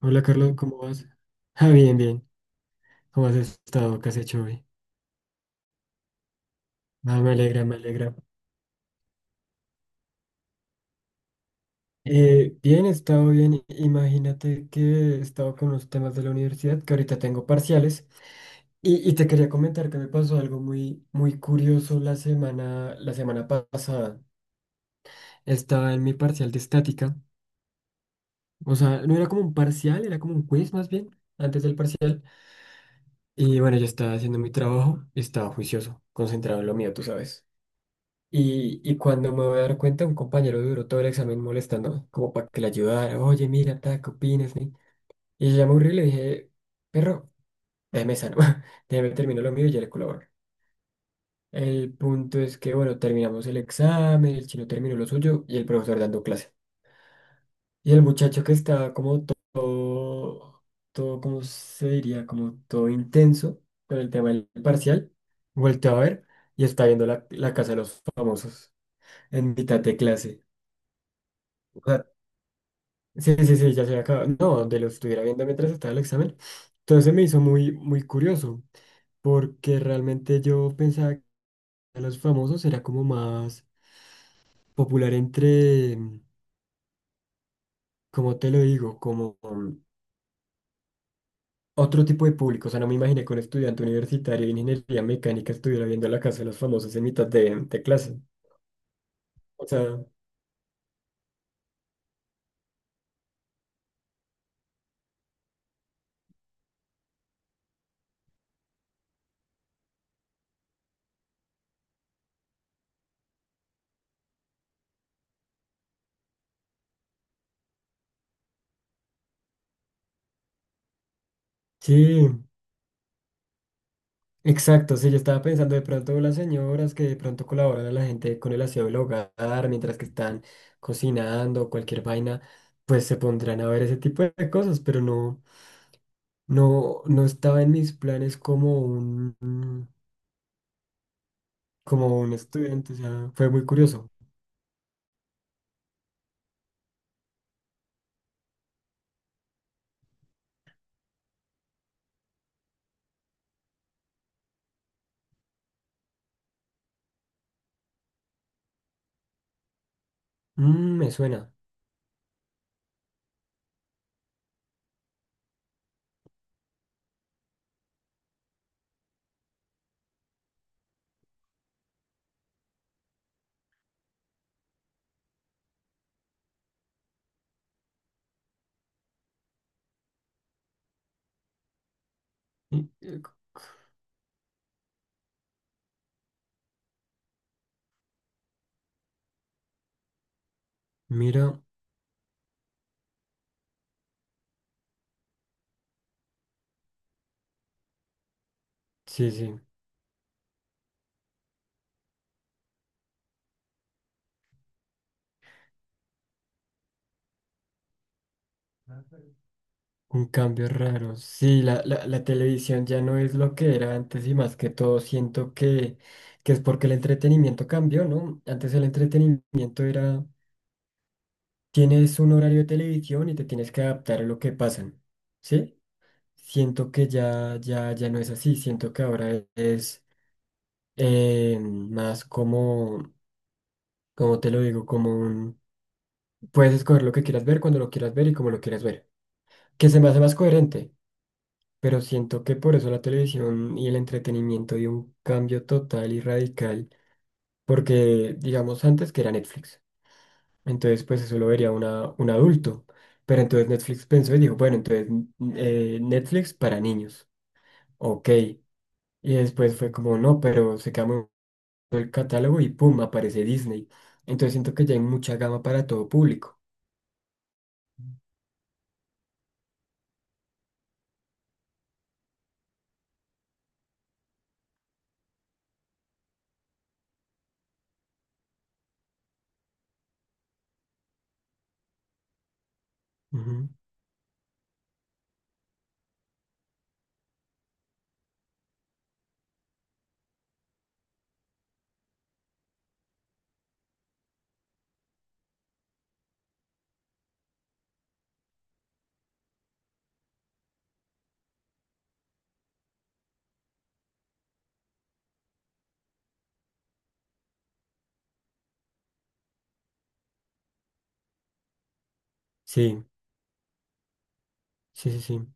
Hola Carlos, ¿cómo vas? Ah, bien, bien. ¿Cómo has estado? ¿Qué has hecho hoy? Ah, me alegra, me alegra. Bien, he estado bien. Imagínate que he estado con los temas de la universidad, que ahorita tengo parciales. Y te quería comentar que me pasó algo muy, muy curioso la semana pasada. Estaba en mi parcial de estática. O sea, no era como un parcial, era como un quiz más bien, antes del parcial. Y bueno, yo estaba haciendo mi trabajo, estaba juicioso, concentrado en lo mío, tú sabes. Y cuando me voy a dar cuenta, un compañero duró todo el examen molestándome, como para que le ayudara. Oye, mira, ta, ¿qué opinas? Ni?". Y yo ya me aburrí y le dije, perro, déjeme sano, déjeme terminar lo mío y ya le colaboro. El punto es que, bueno, terminamos el examen, el chino terminó lo suyo y el profesor dando clase. Y el muchacho que estaba como todo, todo, ¿cómo se diría? Como todo intenso con el tema del parcial, volteó a ver y está viendo la casa de los famosos en mitad de clase. Sí, sí, sí, ya se había acabado. No, donde lo estuviera viendo mientras estaba el examen. Entonces se me hizo muy, muy curioso, porque realmente yo pensaba que los famosos era como más popular entre, como te lo digo, otro tipo de público. O sea, no me imaginé que un estudiante universitario de ingeniería mecánica estuviera viendo la casa de los famosos en mitad de clase. O sea, sí. Exacto, sí, yo estaba pensando de pronto las señoras que de pronto colaboran a la gente con el aseo del hogar mientras que están cocinando, cualquier vaina, pues se pondrán a ver ese tipo de cosas, pero no, no, no estaba en mis planes como un estudiante, o sea, fue muy curioso. Mm, me suena. Y, eh, Mira, sí, sí. Un cambio raro. Sí, la televisión ya no es lo que era antes y más que todo siento que es porque el entretenimiento cambió, ¿no? Antes el entretenimiento era, tienes un horario de televisión y te tienes que adaptar a lo que pasan, ¿sí? Siento que ya, ya, ya no es así, siento que ahora es más como, como te lo digo, como un, puedes escoger lo que quieras ver, cuando lo quieras ver y como lo quieras ver, que se me hace más coherente. Pero siento que por eso la televisión y el entretenimiento dio un cambio total y radical, porque digamos antes que era Netflix, entonces pues eso lo vería una, un adulto, pero entonces Netflix pensó y dijo, bueno, entonces Netflix para niños, ok, y después fue como, no, pero se cambió el catálogo y pum, aparece Disney, entonces siento que ya hay mucha gama para todo público. Ujú. Sí, sí, sí, sí.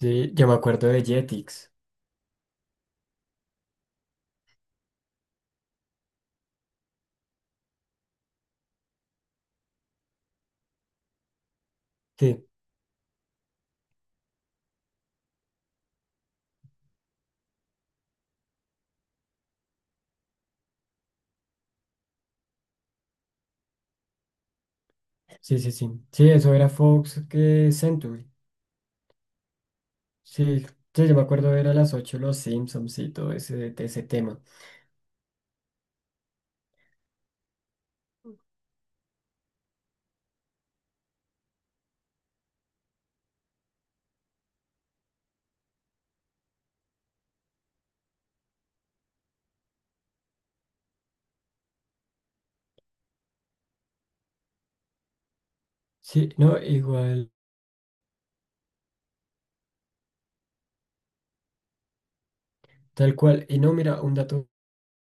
Sí, yo me acuerdo de Jetix. Sí, sí, sí, sí. Sí, eso era Fox que Century. Sí, sí, yo me acuerdo era a las 8 Los Simpsons y todo ese, ese tema. Sí, no, igual, tal cual. Y no, mira, un dato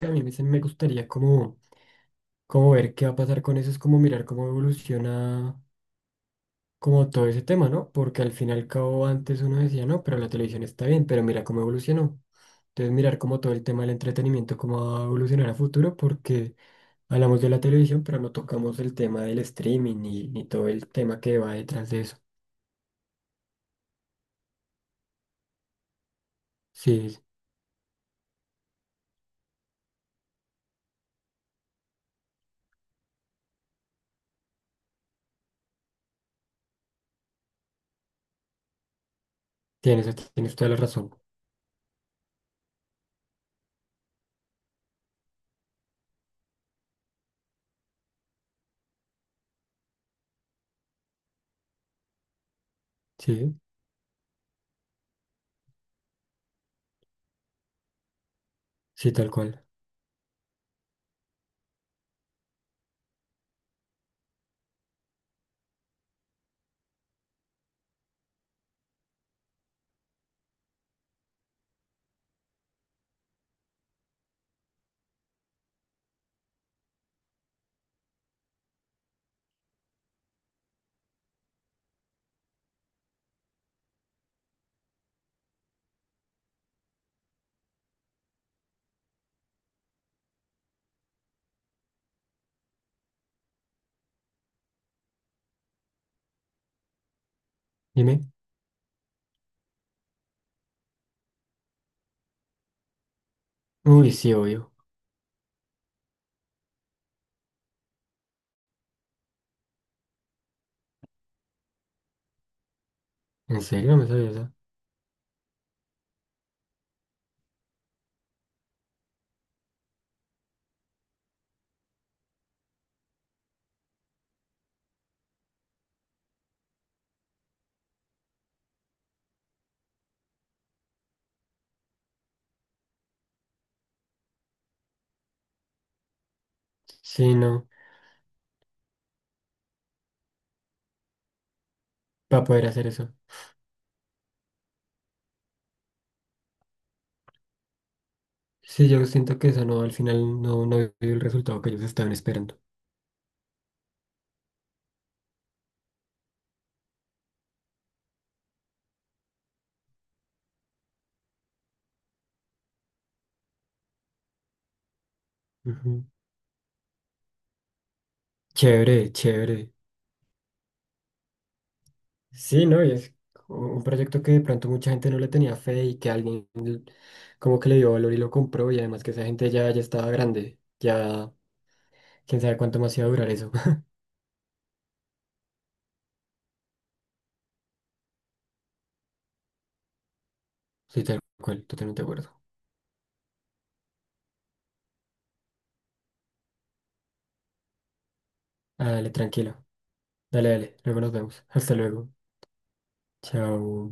que a mí me, me gustaría como, como ver qué va a pasar con eso es como mirar cómo evoluciona. Como todo ese tema, ¿no? Porque al fin y al cabo antes uno decía, no, pero la televisión está bien, pero mira cómo evolucionó. Entonces mirar como todo el tema del entretenimiento, cómo va a evolucionar a futuro, porque hablamos de la televisión, pero no tocamos el tema del streaming ni, ni todo el tema que va detrás de eso. Sí, sí, tienes toda la razón. Sí, sí, tal cual. Dime. Uy, sí, obvio. ¿En serio? No me sabía eso. Sí, no, para poder hacer eso. Sí, yo siento que eso no, al final no, no dio el resultado que ellos estaban esperando. Ujú. Chévere, chévere. Sí, ¿no? Y es un proyecto que de pronto mucha gente no le tenía fe y que alguien como que le dio valor y lo compró y además que esa gente ya, ya estaba grande. Ya, quién sabe cuánto más iba a durar eso. Sí, tal cual, totalmente de acuerdo. Ah, dale, tranquilo. Dale, dale. Luego nos vemos. Hasta luego. Chao.